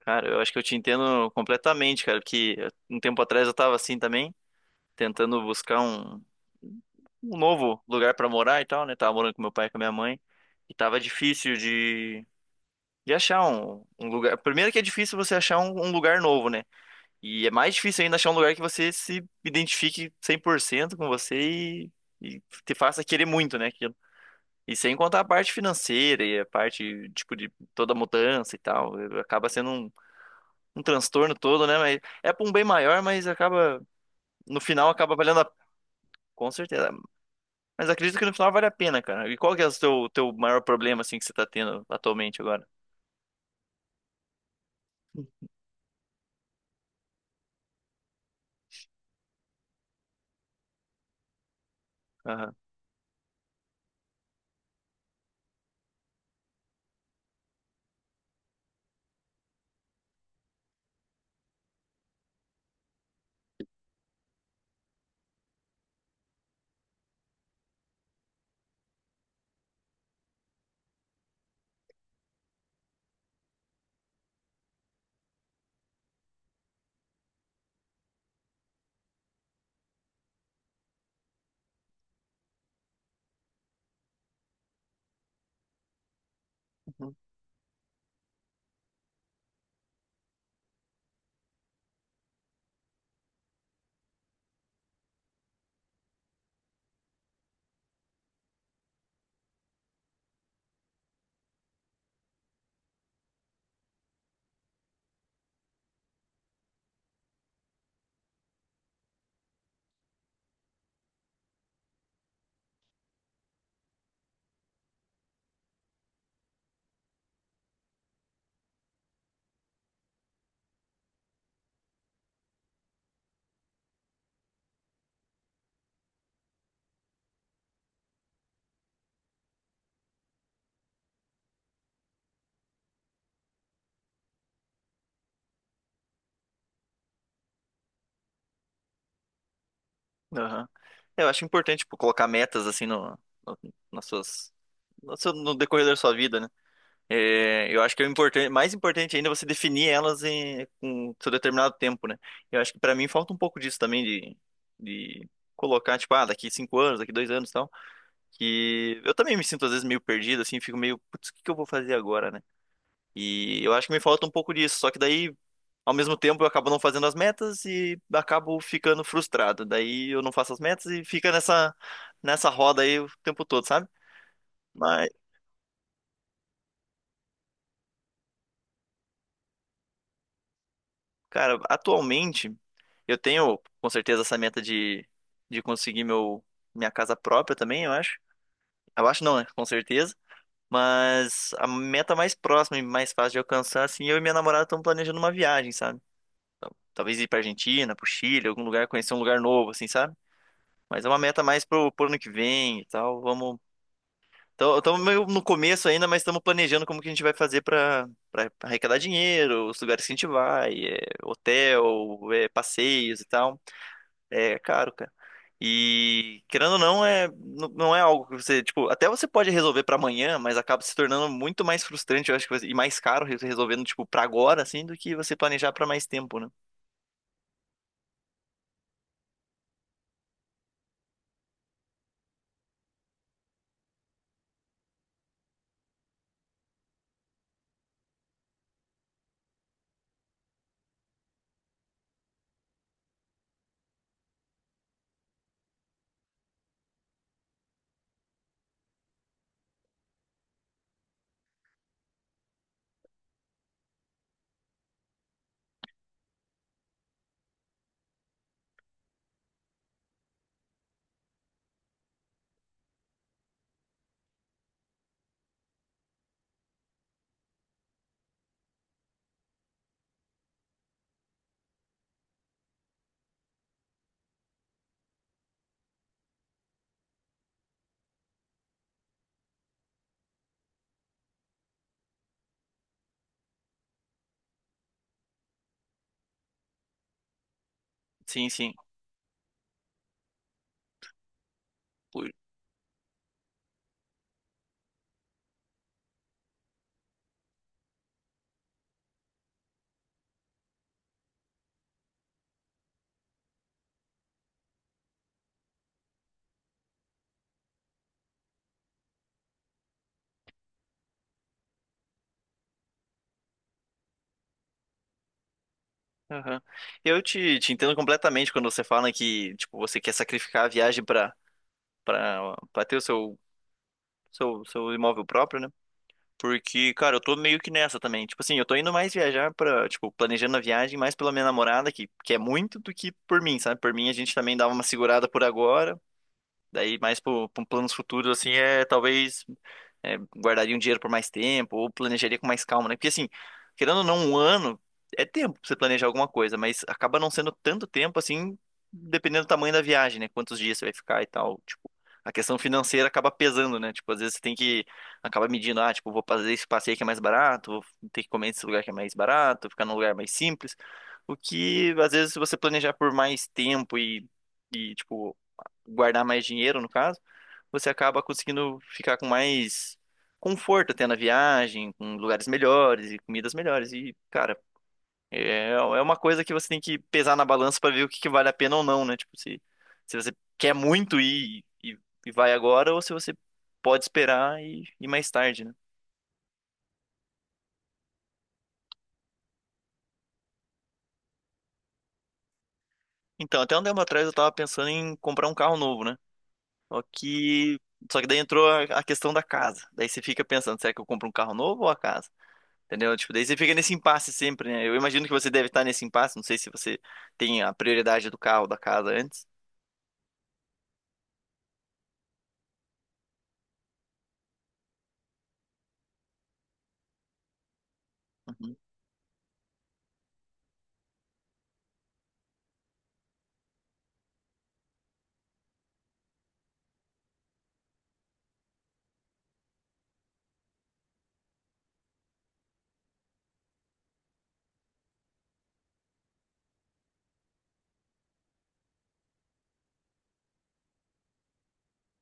Cara, eu acho que eu te entendo completamente, cara, que um tempo atrás eu tava assim também, tentando buscar um novo lugar pra morar e tal, né? Tava morando com meu pai e com a minha mãe, e tava difícil de achar um lugar. Primeiro que é difícil você achar um lugar novo, né? E é mais difícil ainda achar um lugar que você se identifique 100% com você e te faça querer muito, né? aquilo. E sem contar a parte financeira e a parte, tipo, de toda mudança e tal, acaba sendo um transtorno todo, né? Mas é pra um bem maior, mas acaba, no final acaba valendo a... Com certeza. Mas acredito que no final vale a pena, cara. E qual que é o teu maior problema, assim, que você tá tendo atualmente agora? Aham. Uhum. Aham. Eu acho importante, tipo, colocar metas, assim, no, nas suas... No, no decorrer da sua vida, né? É, eu acho que é importante, mais importante ainda é você definir elas em com seu determinado tempo, né? Eu acho que pra mim falta um pouco disso também de colocar, tipo, ah, daqui 5 anos, daqui 2 anos, e tal. Que eu também me sinto às vezes meio perdido, assim, fico meio, putz, o que que eu vou fazer agora, né? E eu acho que me falta um pouco disso, só que daí, ao mesmo tempo, eu acabo não fazendo as metas e acabo ficando frustrado. Daí eu não faço as metas e fica nessa roda aí o tempo todo, sabe? Mas, cara, atualmente eu tenho com certeza essa meta de conseguir meu minha casa própria também, eu acho. Eu acho não, né? Com certeza. Mas a meta mais próxima e mais fácil de alcançar, assim, eu e minha namorada estamos planejando uma viagem, sabe? Talvez ir pra Argentina, pro Chile, algum lugar, conhecer um lugar novo, assim, sabe? Mas é uma meta mais pro ano que vem e tal. Vamos. Estamos meio no começo ainda, mas estamos planejando como que a gente vai fazer pra arrecadar dinheiro, os lugares que a gente vai, é, hotel, é, passeios e tal. É caro, cara. E querendo ou não, é, não é algo que você, tipo, até você pode resolver pra amanhã, mas acaba se tornando muito mais frustrante, eu acho que, e mais caro resolvendo, tipo, pra agora, assim, do que você planejar pra mais tempo, né? Sim, sim. Aham. Eu te entendo completamente quando você fala que, tipo, você quer sacrificar a viagem pra ter o seu imóvel próprio, né? Porque, cara, eu tô meio que nessa também. Tipo assim, eu tô indo mais viajar pra, tipo, planejando a viagem mais pela minha namorada, que é muito, do que por mim, sabe? Por mim, a gente também dava uma segurada por agora. Daí, mais para planos futuros, assim, talvez é, guardaria um dinheiro por mais tempo ou planejaria com mais calma, né? Porque, assim, querendo ou não, um ano é tempo pra você planejar alguma coisa, mas acaba não sendo tanto tempo, assim, dependendo do tamanho da viagem, né? Quantos dias você vai ficar e tal. Tipo, a questão financeira acaba pesando, né? Tipo, às vezes você tem que acaba medindo, ah, tipo, vou fazer esse passeio que é mais barato, vou ter que comer nesse lugar que é mais barato, ficar num lugar mais simples. O que, às vezes, se você planejar por mais tempo e. E, tipo, guardar mais dinheiro, no caso, você acaba conseguindo ficar com mais conforto até na viagem, com lugares melhores e comidas melhores. E, cara, é uma coisa que você tem que pesar na balança para ver que vale a pena ou não, né? Tipo, se você quer muito ir e vai agora, ou se você pode esperar e ir mais tarde, né? Então, até um tempo atrás eu tava pensando em comprar um carro novo, né? Só que, só que daí entrou a questão da casa. Daí você fica pensando, será que eu compro um carro novo ou a casa? Entendeu? Tipo, daí você fica nesse impasse sempre, né? Eu imagino que você deve estar nesse impasse. Não sei se você tem a prioridade do carro, da casa antes. Uhum,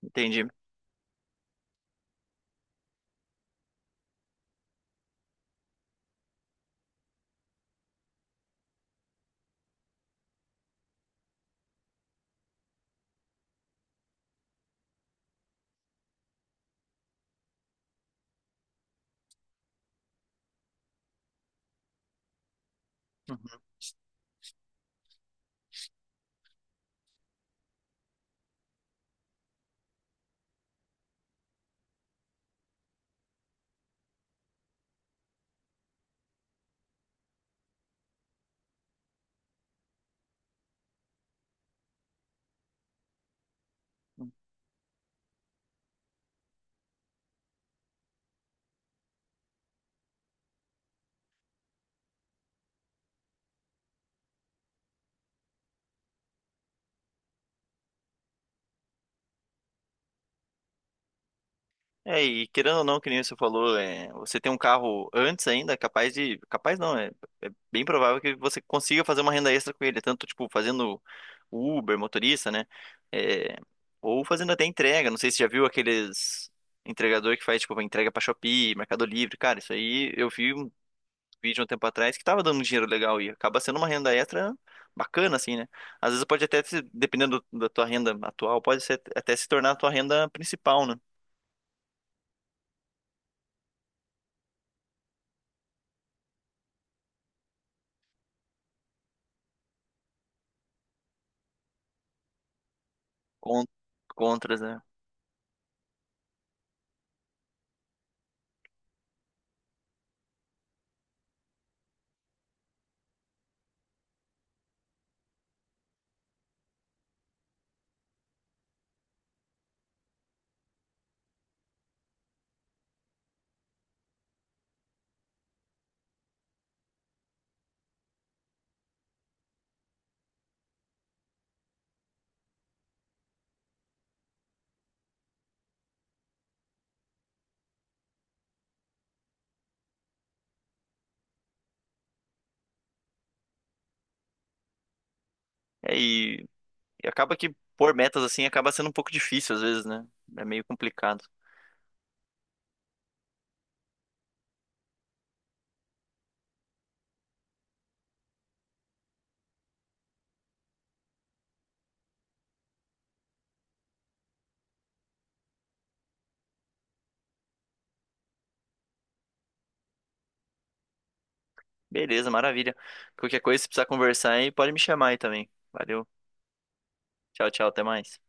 entendi. Uhum. Uhum. É, e querendo ou não, que nem você falou, é, você tem um carro antes ainda, capaz de. Capaz não, é. Bem provável que você consiga fazer uma renda extra com ele, tanto tipo fazendo Uber, motorista, né? É, ou fazendo até entrega. Não sei se já viu aqueles entregador que faz tipo entrega pra Shopee, Mercado Livre, cara. Isso aí eu vi um vídeo um tempo atrás que tava dando um dinheiro legal e acaba sendo uma renda extra bacana, assim, né? Às vezes pode até, dependendo da tua renda atual, pode ser, até se tornar a tua renda principal, né? Con- Contras, né? É, e acaba que pôr metas assim acaba sendo um pouco difícil às vezes, né? É meio complicado. Beleza, maravilha. Qualquer coisa, se precisar conversar aí, pode me chamar aí também. Valeu. Tchau, tchau, até mais.